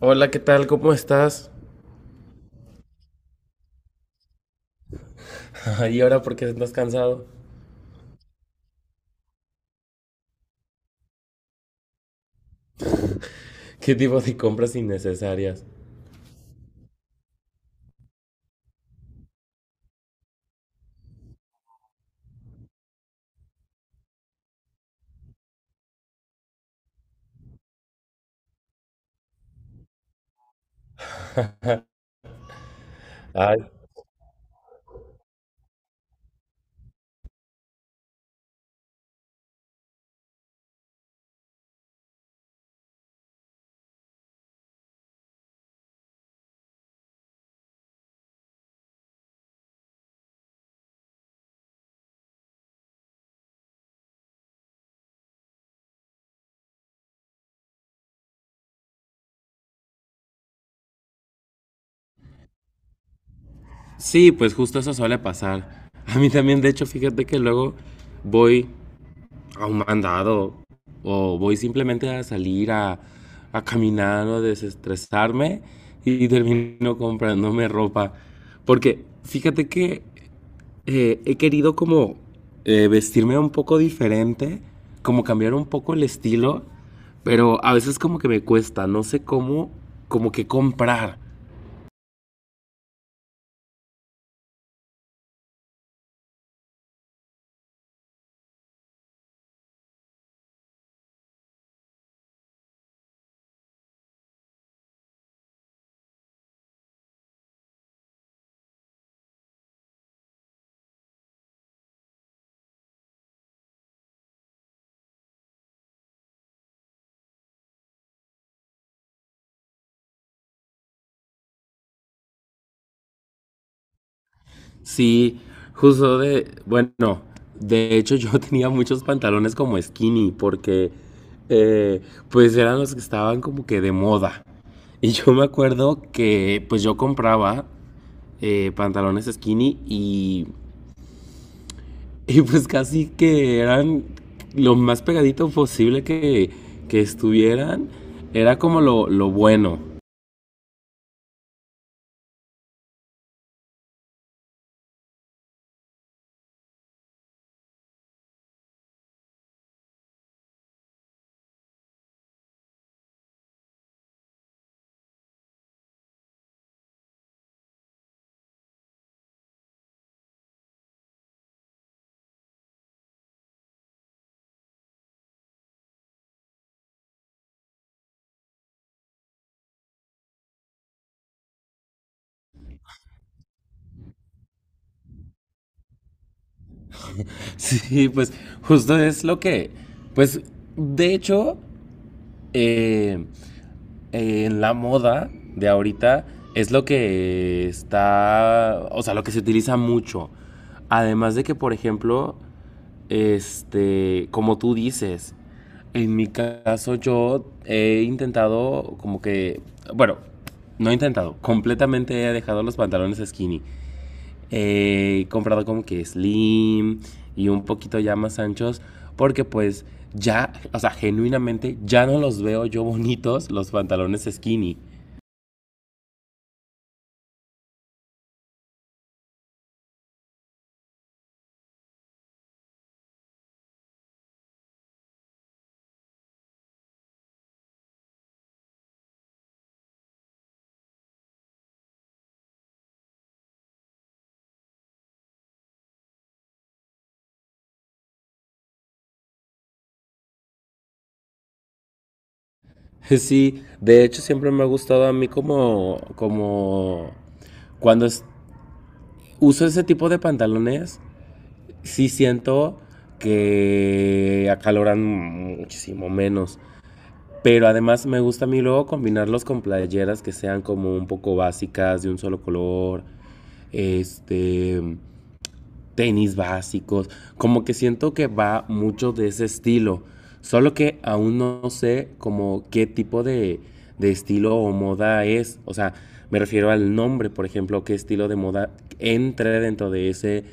Hola, ¿qué tal? ¿Cómo estás? ¿Y ahora por qué estás cansado? ¿Qué tipo de compras innecesarias? Ay. Sí, pues justo eso suele pasar. A mí también, de hecho, fíjate que luego voy a un mandado o voy simplemente a salir a caminar o a desestresarme y termino comprándome ropa. Porque fíjate que he querido como vestirme un poco diferente, como cambiar un poco el estilo, pero a veces como que me cuesta, no sé cómo, como que comprar. Sí, justo bueno, de hecho yo tenía muchos pantalones como skinny porque eh, pues eran los que estaban como que de moda. Y yo me acuerdo que pues yo compraba pantalones skinny y pues casi que eran lo más pegadito posible que estuvieran. Era como lo bueno. Sí, pues justo es lo que... Pues de hecho, eh, en la moda de ahorita es lo que está... O sea, lo que se utiliza mucho. Además de que, por ejemplo, este, como tú dices, en mi caso yo he intentado como bueno, no he intentado, completamente he dejado los pantalones skinny. He comprado como que slim y un poquito ya más anchos porque pues ya, o sea, genuinamente ya no los veo yo bonitos los pantalones skinny. Sí, de hecho siempre me ha gustado a mí como cuando es- uso ese tipo de pantalones, sí siento que acaloran muchísimo menos. Pero además me gusta a mí luego combinarlos con playeras que sean como un poco básicas, de un solo color, este, tenis básicos. Como que siento que va mucho de ese estilo. Solo que aún no sé como qué tipo de estilo o moda es. O sea, me refiero al nombre, por ejemplo, qué estilo de moda entre dentro de ese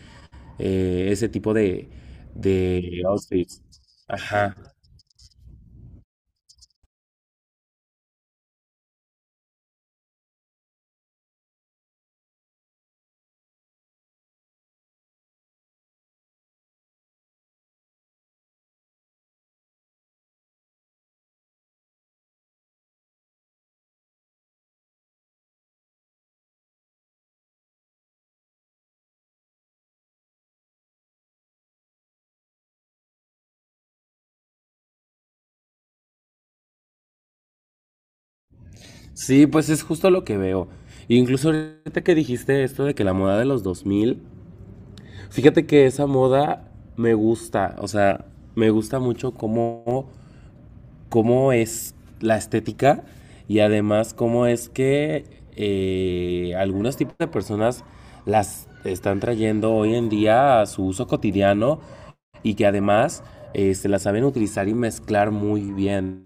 ese tipo de outfits. Ajá. Sí, pues es justo lo que veo. Incluso ahorita que dijiste esto de que la moda de los 2000, fíjate que esa moda me gusta, o sea, me gusta mucho cómo es la estética y además cómo es que algunos tipos de personas las están trayendo hoy en día a su uso cotidiano y que además se las saben utilizar y mezclar muy bien.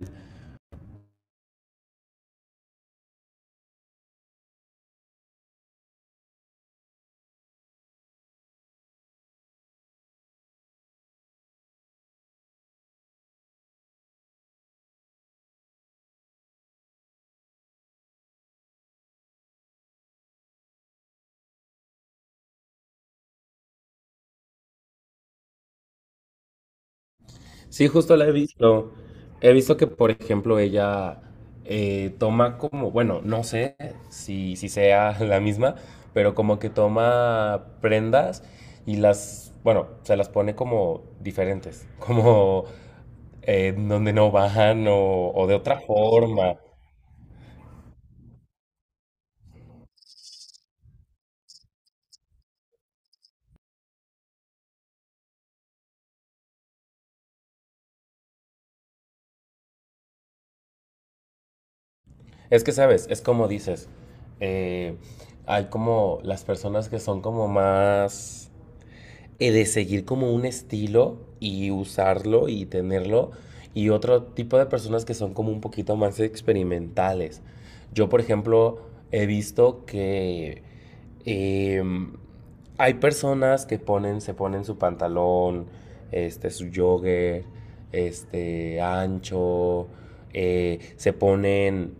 Sí, justo la he visto. He visto que, por ejemplo, ella toma como, bueno, no sé si sea la misma, pero como que toma prendas y bueno, se las pone como diferentes, como donde no van o de otra forma. Es que, ¿sabes? Es como dices, eh, hay como las personas que son como más de seguir como un estilo y usarlo y tenerlo, y otro tipo de personas que son como un poquito más experimentales. Yo, por ejemplo, he visto que em, hay personas que ponen, se ponen su pantalón, este, su jogger, este, ancho, se ponen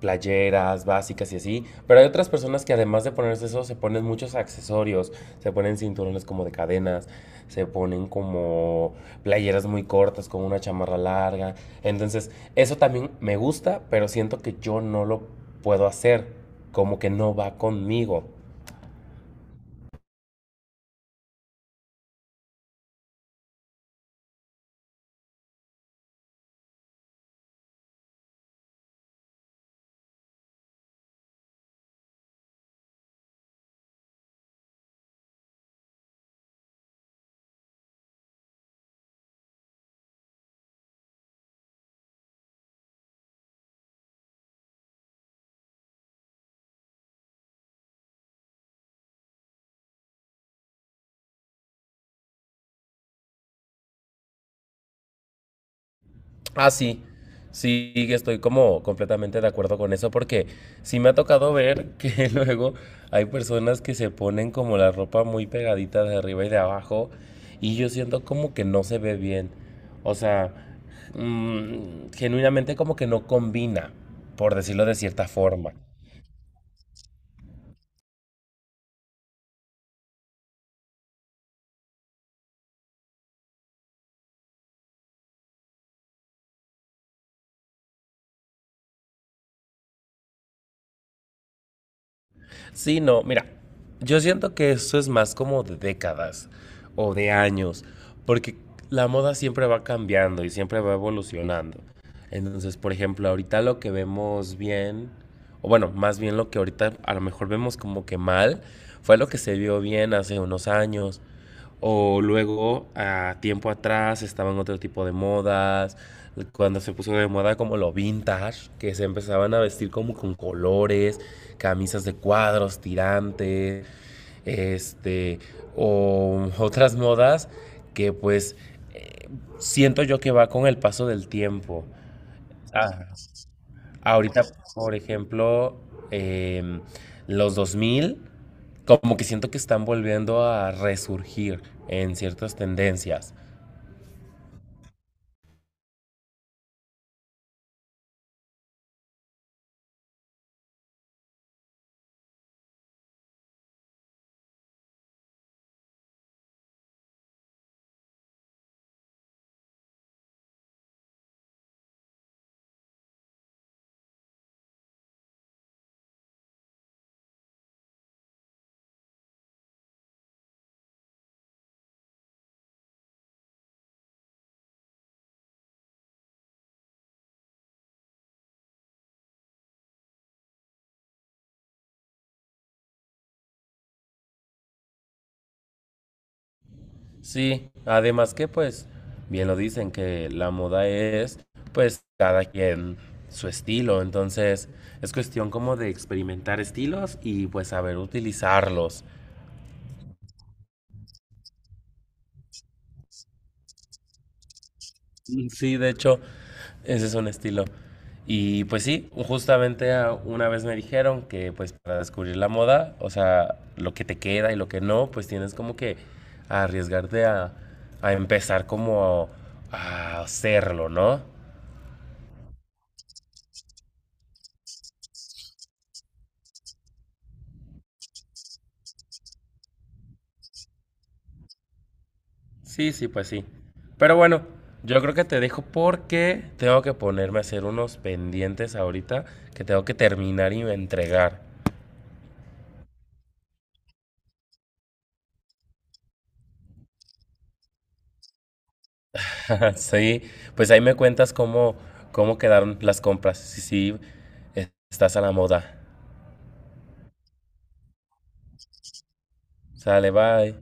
playeras básicas y así, pero hay otras personas que además de ponerse eso, se ponen muchos accesorios, se ponen cinturones como de cadenas, se ponen como playeras muy cortas con una chamarra larga, entonces eso también me gusta, pero siento que yo no lo puedo hacer, como que no va conmigo. Ah, sí. Sí, que estoy como completamente de acuerdo con eso porque sí me ha tocado ver que luego hay personas que se ponen como la ropa muy pegadita de arriba y de abajo y yo siento como que no se ve bien. O sea, mm, genuinamente como que no combina, por decirlo de cierta forma. Sí, no, mira, yo siento que esto es más como de décadas o de años, porque la moda siempre va cambiando y siempre va evolucionando. Entonces, por ejemplo, ahorita lo que vemos bien, o bueno, más bien lo que ahorita a lo mejor vemos como que mal, fue lo que se vio bien hace unos años. O luego, a tiempo atrás, estaban otro tipo de modas. Cuando se puso de moda como lo vintage, que se empezaban a vestir como con colores camisas de cuadros, tirantes, este, o otras modas que pues eh, siento yo que va con el paso del tiempo. Ah, ahorita, por ejemplo, eh, los 2000, como que siento que están volviendo a resurgir en ciertas tendencias. Sí, además que pues bien lo dicen que la moda es pues cada quien su estilo, entonces es cuestión como de experimentar estilos y pues saber utilizarlos. Sí, de hecho, ese es un estilo. Y pues sí, justamente ah, una vez me dijeron que pues para descubrir la moda, o sea, lo que te queda y lo que no, pues tienes como que arriesgarte a empezar como a hacerlo, ¿no? Sí, sí, pues sí. Pero bueno, yo creo que te dejo porque tengo que ponerme a hacer unos pendientes ahorita que tengo que terminar y entregar. Sí, pues ahí me cuentas cómo, cómo quedaron las compras. Sí, sí, estás a la moda. Sale, bye.